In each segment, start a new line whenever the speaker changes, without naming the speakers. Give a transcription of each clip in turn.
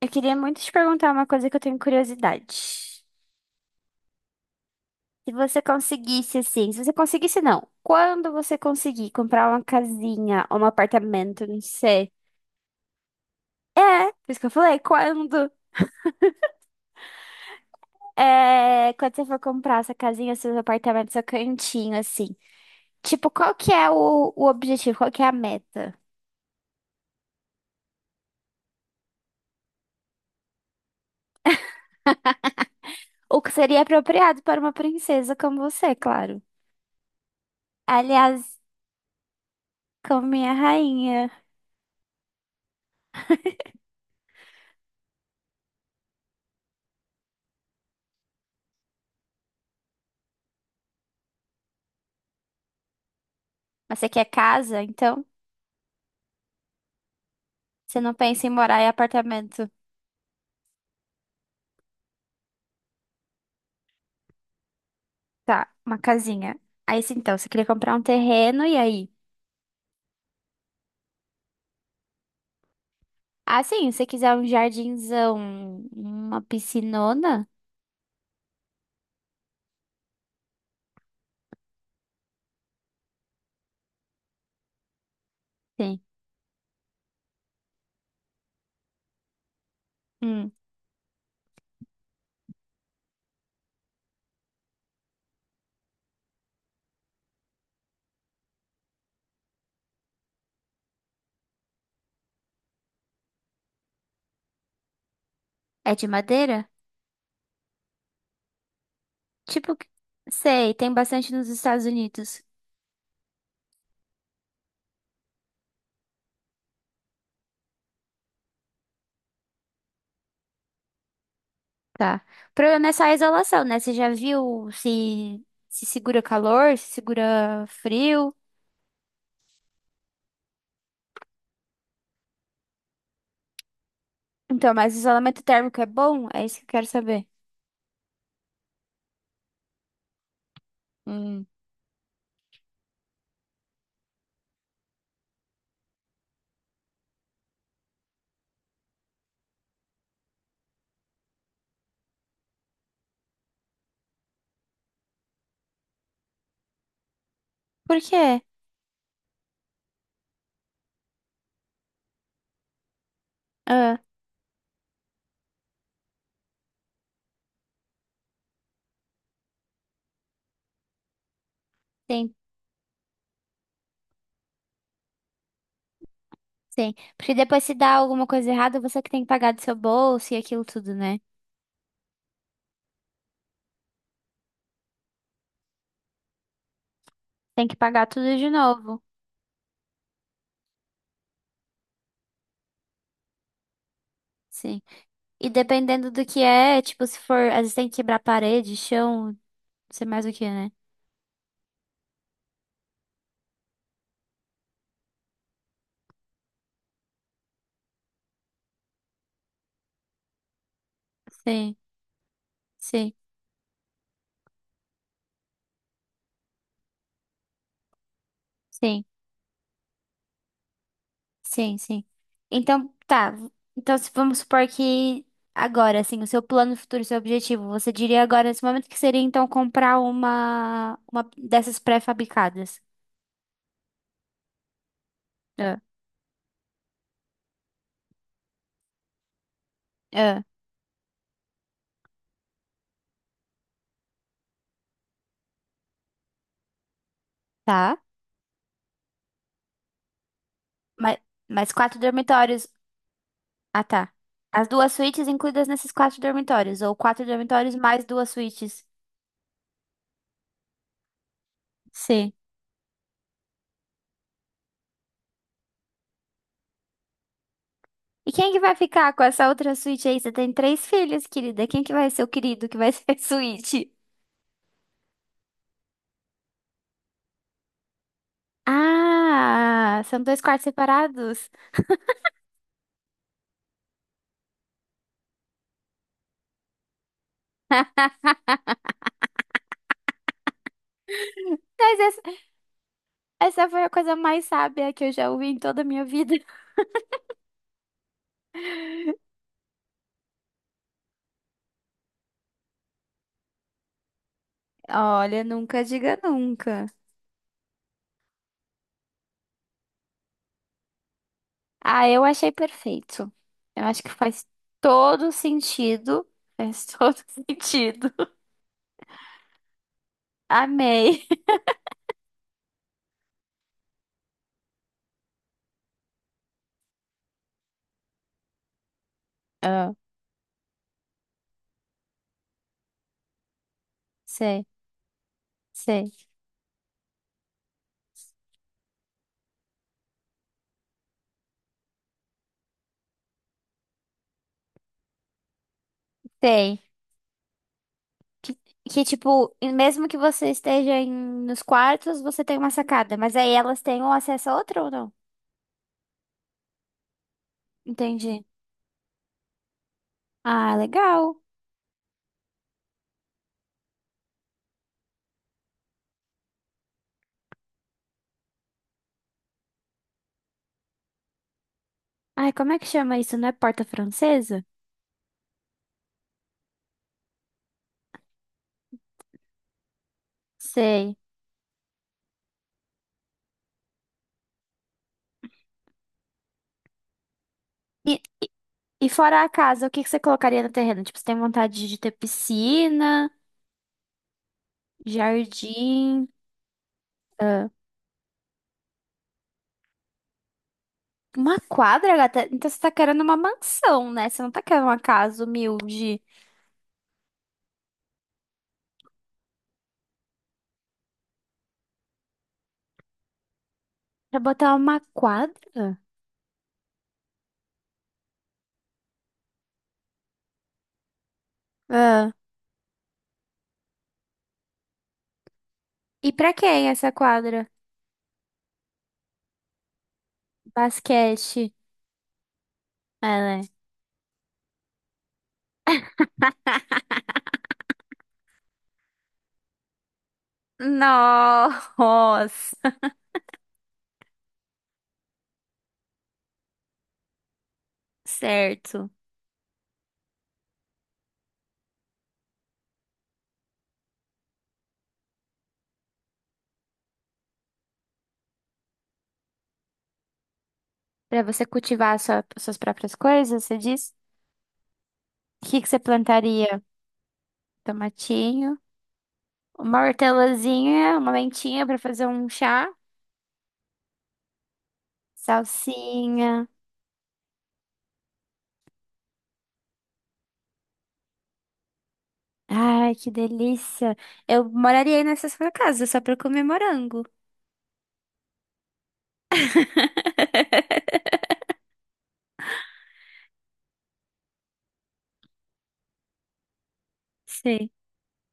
Eu queria muito te perguntar uma coisa que eu tenho curiosidade. Se você conseguisse, assim, se você conseguisse, não. Quando você conseguir comprar uma casinha ou um apartamento, não sei. É, por isso que eu falei, quando? É, quando você for comprar essa casinha, seus apartamentos, seu cantinho, assim. Tipo, qual que é o objetivo? Qual que é a meta? O que seria apropriado para uma princesa como você, claro. Aliás, como minha rainha. Mas você quer casa, então? Você não pensa em morar em apartamento. Tá, uma casinha. Aí, sim, então, você queria comprar um terreno e aí? Ah, sim, se você quiser um jardinzão, uma piscinona? Sim. Hum, é de madeira? Tipo, que- sei, tem bastante nos Estados Unidos. Tá. O problema é só a isolação, né? Você já viu se segura calor, se segura frio? Então, mas isolamento térmico é bom? É isso que eu quero saber. Hum. Por quê? Ah, sim, porque depois se dá alguma coisa errada, você que tem que pagar do seu bolso e aquilo tudo, né? Tem que pagar tudo de novo. Sim. E dependendo do que é, tipo, se for, às vezes tem que quebrar parede, chão, não sei mais o que, né? Sim, sim, sim, sim, sim. Então, tá. v- Então, se vamos supor que agora, assim, o seu plano futuro, o seu objetivo, você diria agora nesse momento que seria então comprar uma dessas pré-fabricadas. Ah, ah, tá. Mas, mas quatro dormitórios. Ah, tá. As duas suítes incluídas nesses quatro dormitórios, ou quatro dormitórios mais duas suítes. Sim. E quem que vai ficar com essa outra suíte aí? Você tem três filhos, querida. Quem que vai ser o querido que vai ser a suíte? Ah, são dois quartos separados. Mas essa, essa foi a coisa mais sábia que eu já ouvi em toda a minha vida. Olha, nunca diga nunca. Ah, eu achei perfeito. Eu acho que faz todo sentido. Faz todo sentido. Amei. Ah, sei. Sei. Sei. Que, tipo, e mesmo que você esteja em, nos quartos, você tem uma sacada. Mas aí elas têm um acesso a outra ou não? Entendi. Ah, legal. Ai, como é que chama isso? Não é porta francesa? Sei. E, e fora a casa, o que que você colocaria no terreno? Tipo, você tem vontade de ter piscina, jardim, ah, uma quadra, gata? Então você tá querendo uma mansão, né? Você não tá querendo uma casa humilde. Pra botar uma quadra? Ah. E pra quem essa quadra? Basquete. É, né? Nossa, certo. Pra você cultivar a suas próprias coisas, você diz? O que que você plantaria? Tomatinho, uma hortelazinha, uma lentinha pra fazer um chá, salsinha. Ai, que delícia. Eu moraria aí nessa sua casa só pra comer morango. Sei,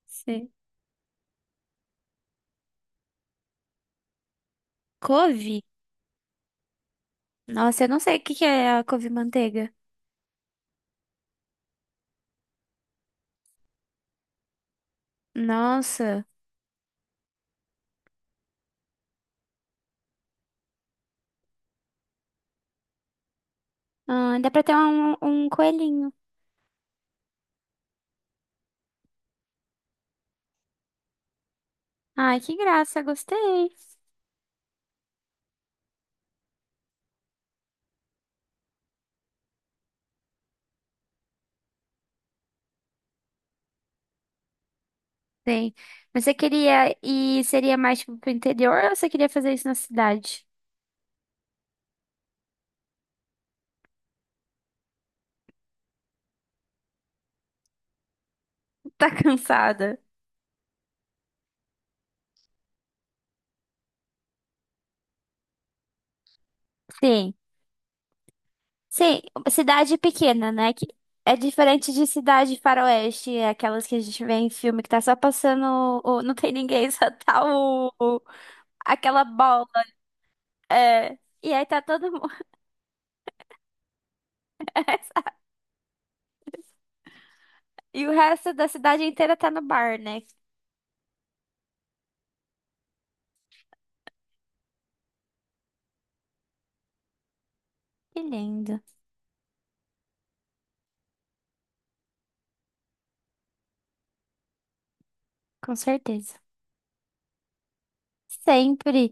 sei. Couve? Nossa, eu não sei o que que é a couve-manteiga. Nossa. Ah, dá pra ter um coelhinho. Ai, que graça, gostei. Sim. Mas você queria ir, seria mais tipo pro interior ou você queria fazer isso na cidade? Tá cansada? Sim. Sim, cidade pequena, né? Que é diferente de cidade faroeste, é aquelas que a gente vê em filme que tá só passando, não tem ninguém, só tá aquela bola. É. E aí tá todo mundo. E o resto da cidade inteira tá no bar, né? Que lindo. Com certeza. Sempre.